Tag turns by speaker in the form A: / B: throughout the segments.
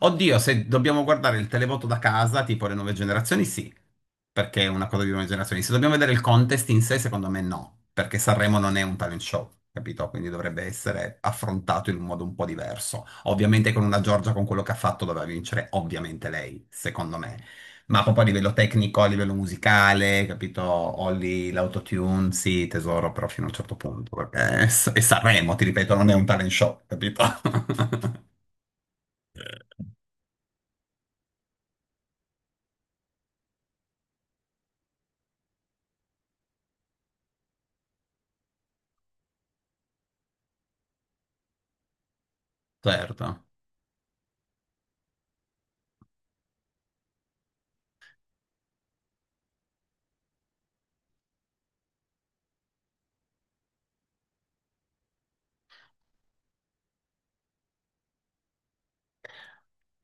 A: Oddio, se dobbiamo guardare il televoto da casa, tipo le nuove generazioni, sì, perché è una cosa di nuove generazioni. Se dobbiamo vedere il contest in sé, secondo me no, perché Sanremo non è un talent show, capito? Quindi dovrebbe essere affrontato in un modo un po' diverso. Ovviamente con una Giorgia, con quello che ha fatto, doveva vincere, ovviamente lei, secondo me. Ma proprio a livello tecnico, a livello musicale, capito? Olly, l'autotune, sì, tesoro, però fino a un certo punto, perché è Sanremo, ti ripeto, non è un talent show, capito? Certo.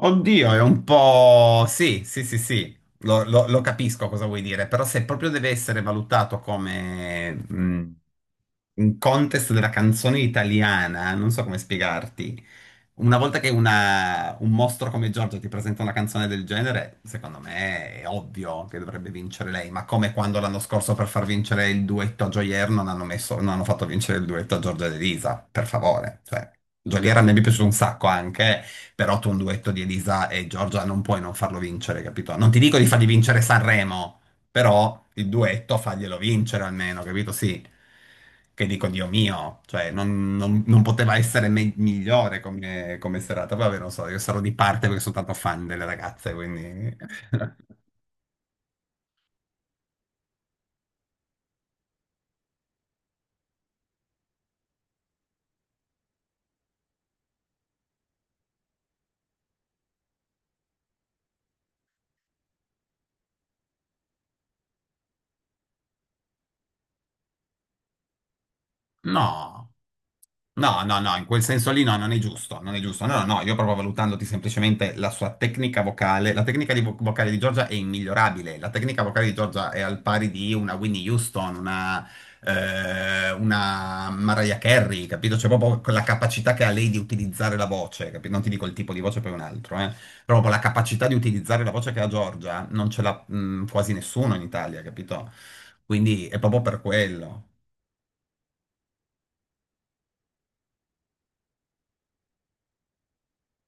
A: Oddio, è un po'... Sì, sì, sì, sì, lo capisco cosa vuoi dire, però se proprio deve essere valutato come un contest della canzone italiana, non so come spiegarti. Una volta che un mostro come Giorgio ti presenta una canzone del genere, secondo me è ovvio che dovrebbe vincere lei, ma come quando l'anno scorso per far vincere il duetto a Joyer non hanno fatto vincere il duetto a Giorgia ed Elisa, per favore. Cioè, Joyer a me mi è piaciuto un sacco anche, però tu un duetto di Elisa e Giorgia non puoi non farlo vincere, capito? Non ti dico di fargli vincere Sanremo, però il duetto faglielo vincere almeno, capito? Sì. Che dico, Dio mio, cioè non poteva essere migliore come, come serata. Poi vabbè, non so, io sarò di parte perché sono tanto fan delle ragazze, quindi... No. No, no, no, in quel senso lì no, non è giusto, non è giusto. No, no, no, io proprio valutandoti semplicemente la sua tecnica vocale. La tecnica di vocale di Giorgia è immigliorabile. La tecnica vocale di Giorgia è al pari di una Winnie Houston, una Mariah Carey, capito? C'è proprio quella capacità che ha lei di utilizzare la voce, capito? Non ti dico il tipo di voce, poi un altro, eh. Però proprio la capacità di utilizzare la voce che ha Giorgia non ce l'ha, quasi nessuno in Italia, capito? Quindi è proprio per quello.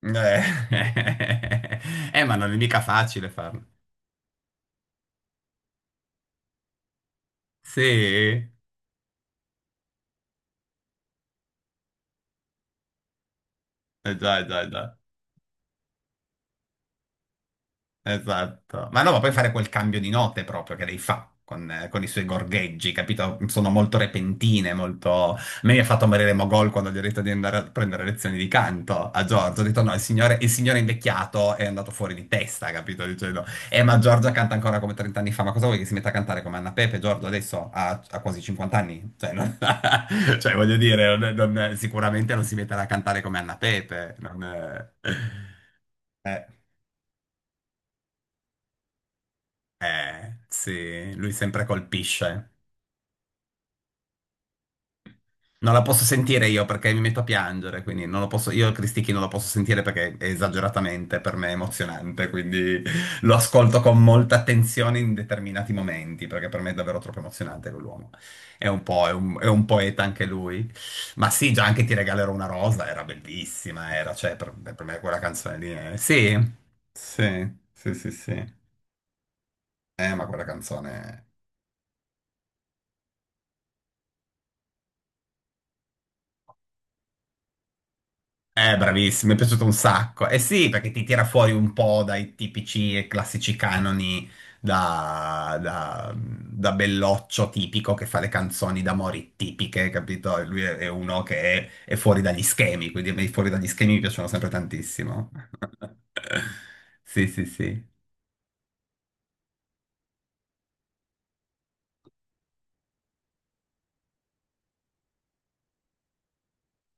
A: Eh, ma non è mica facile farlo. Sì, eh già, eh già, eh già. Esatto. Ma no, ma puoi fare quel cambio di note proprio che lei fa con i suoi gorgheggi, capito? Sono molto repentine, molto... A me mi ha fatto morire Mogol quando gli ho detto di andare a prendere lezioni di canto a Giorgio. Ho detto no, il signore invecchiato è andato fuori di testa, capito? Dicendo, ma Giorgia canta ancora come 30 anni fa, ma cosa vuoi che si metta a cantare come Anna Pepe, Giorgio, adesso ha quasi 50 anni? Cioè, cioè, voglio dire, sicuramente non si metterà a cantare come Anna Pepe. Non... Eh. Sì, lui sempre colpisce. Non la posso sentire io perché mi metto a piangere, quindi non lo posso, io il Cristichi non lo posso sentire perché è esageratamente per me emozionante, quindi lo ascolto con molta attenzione in determinati momenti, perché per me è davvero troppo emozionante quell'uomo. È un po', è un poeta anche lui. Ma sì, già anche Ti regalerò una rosa era bellissima, era, cioè, per me quella canzone lì è... Sì, sì, sì, sì, sì. Ma quella canzone... bravissimo, mi è piaciuto un sacco. Eh sì, perché ti tira fuori un po' dai tipici e classici canoni da, da belloccio tipico che fa le canzoni d'amore tipiche, capito? E lui è uno che è fuori dagli schemi, quindi a me i fuori dagli schemi mi piacciono sempre tantissimo. Sì, sì, sì.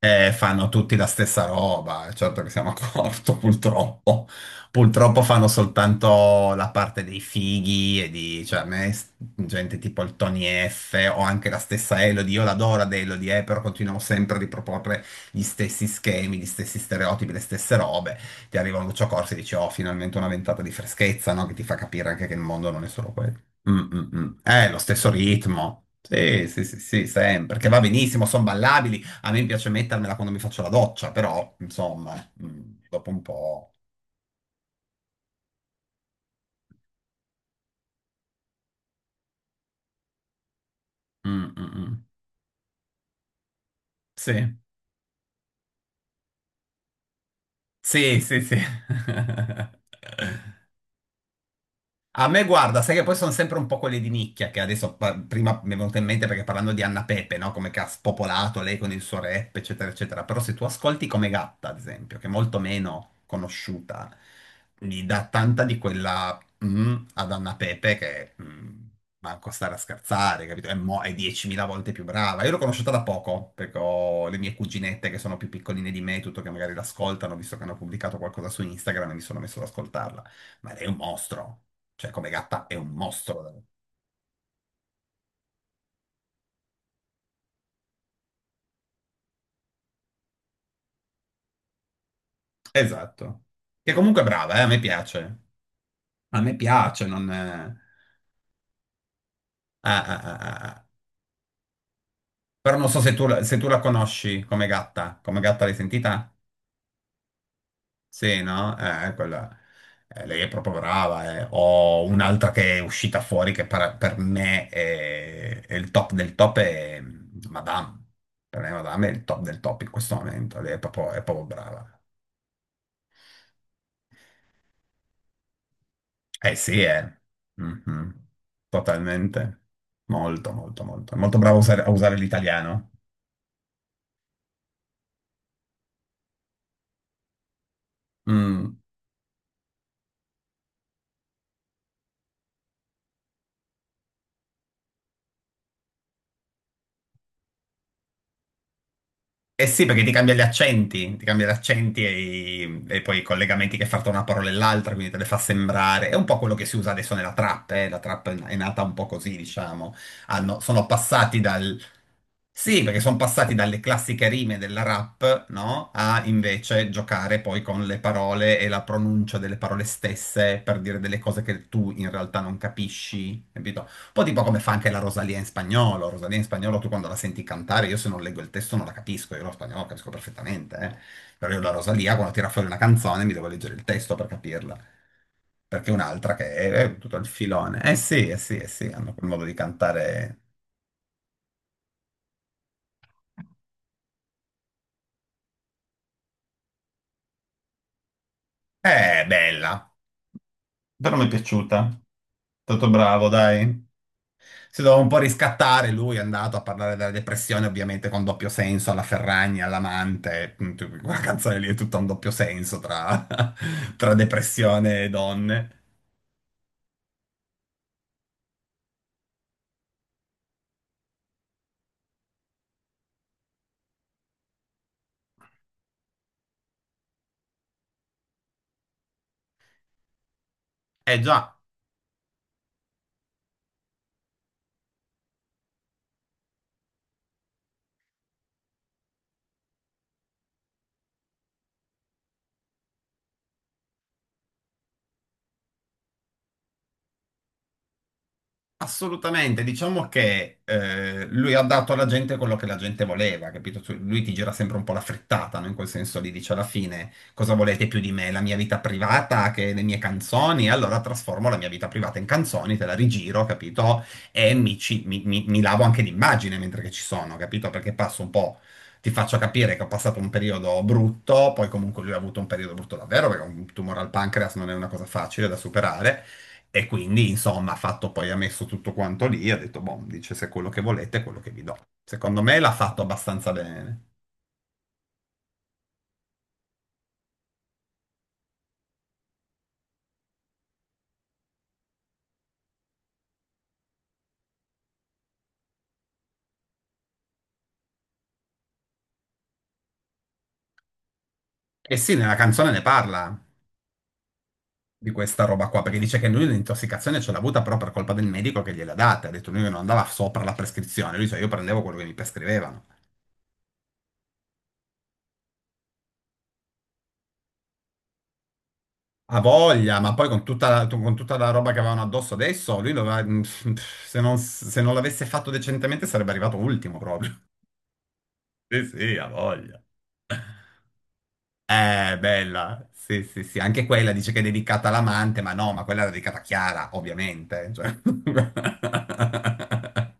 A: Fanno tutti la stessa roba, certo che siamo a corto, purtroppo. Purtroppo fanno soltanto la parte dei fighi e di, cioè, a me, gente tipo il Tony F o anche la stessa Elodie, io l'adoro ad Elodie, però continuano sempre a riproporre gli stessi schemi, gli stessi stereotipi, le stesse robe. Ti arriva un Lucio Corsi e dici, oh, finalmente una ventata di freschezza, no? Che ti fa capire anche che il mondo non è solo quello. Mm, mm, mm. Lo stesso ritmo. Sì, sì, sì, sì, sempre, che va benissimo, sono ballabili. A me piace mettermela quando mi faccio la doccia, però, insomma, dopo un po'. Mm, mm, mm. Sì, sì, sì, sì. A me guarda, sai che poi sono sempre un po' quelle di nicchia che adesso prima mi è venuto in mente perché parlando di Anna Pepe, no? Come che ha spopolato lei con il suo rap, eccetera, eccetera. Però se tu ascolti come Gatta, ad esempio, che è molto meno conosciuta, gli dà tanta di quella ad Anna Pepe che manco stare a scherzare, capito? È 10.000 volte più brava. Io l'ho conosciuta da poco perché ho le mie cuginette che sono più piccoline di me, tutto che magari l'ascoltano, visto che hanno pubblicato qualcosa su Instagram e mi sono messo ad ascoltarla. Ma lei è un mostro. Cioè, come gatta è un mostro. Esatto. Che comunque è brava, a me piace. A me piace, non... ah, ah, ah, ah. Però non so se tu, se tu la conosci come gatta. Come gatta l'hai sentita? Sì, no? Quella... Lei è proprio brava. Ho un'altra che è uscita fuori che per me è il top del top, è Madame. Per me Madame è il top del top in questo momento. Lei è proprio brava. Eh sì, eh. Mhm. Totalmente. Molto, molto, molto. È molto bravo a usare l'italiano. Mm. Eh sì, perché ti cambia gli accenti, ti cambia gli accenti e poi i collegamenti che fa tra una parola e l'altra, quindi te le fa sembrare. È un po' quello che si usa adesso nella trap, eh. La trap è nata un po' così, diciamo. Sono passati dal... Sì, perché sono passati dalle classiche rime della rap, no? A invece giocare poi con le parole e la pronuncia delle parole stesse per dire delle cose che tu in realtà non capisci, capito? Un po' tipo come fa anche la Rosalia in spagnolo. Rosalia in spagnolo tu quando la senti cantare, io se non leggo il testo non la capisco, io lo spagnolo lo capisco perfettamente, eh. Però io la Rosalia quando tira fuori una canzone mi devo leggere il testo per capirla. Perché un'altra che è tutto il filone. Eh sì, eh sì, eh sì, hanno quel modo di cantare. Bella. Però mi è piaciuto. Tutto bravo, dai. Si doveva un po' riscattare, lui è andato a parlare della depressione, ovviamente con doppio senso, alla Ferragni, all'amante, quella canzone lì è tutta un doppio senso tra depressione e donne. Eh già. Assolutamente, diciamo che lui ha dato alla gente quello che la gente voleva, capito? Lui ti gira sempre un po' la frittata, no? In quel senso lì dice alla fine cosa volete più di me? La mia vita privata che le mie canzoni? Allora trasformo la mia vita privata in canzoni, te la rigiro, capito? E mi, ci- mi- mi- mi lavo anche l'immagine mentre che ci sono, capito? Perché passo un po', ti faccio capire che ho passato un periodo brutto, poi comunque lui ha avuto un periodo brutto davvero, perché un tumore al pancreas non è una cosa facile da superare. E quindi, insomma, ha fatto poi, ha messo tutto quanto lì, ha detto, boh, dice se è quello che volete è quello che vi do. Secondo me l'ha fatto abbastanza bene. E sì, nella canzone ne parla di questa roba qua, perché dice che lui l'intossicazione ce l'ha avuta però per colpa del medico che gliel'ha data. Ha detto lui che non andava sopra la prescrizione, lui dice io prendevo quello che mi prescrivevano. Ha voglia, ma poi con tutta la roba che avevano addosso adesso, lui se non l'avesse fatto decentemente sarebbe arrivato ultimo proprio. Sì, sì, ha voglia. Bella. Sì, sì, sì. Anche quella dice che è dedicata all'amante, ma no, ma quella era dedicata a Chiara, ovviamente. Cioè...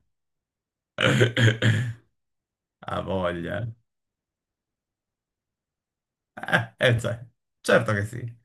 A: Ha voglia. Cioè, certo che sì.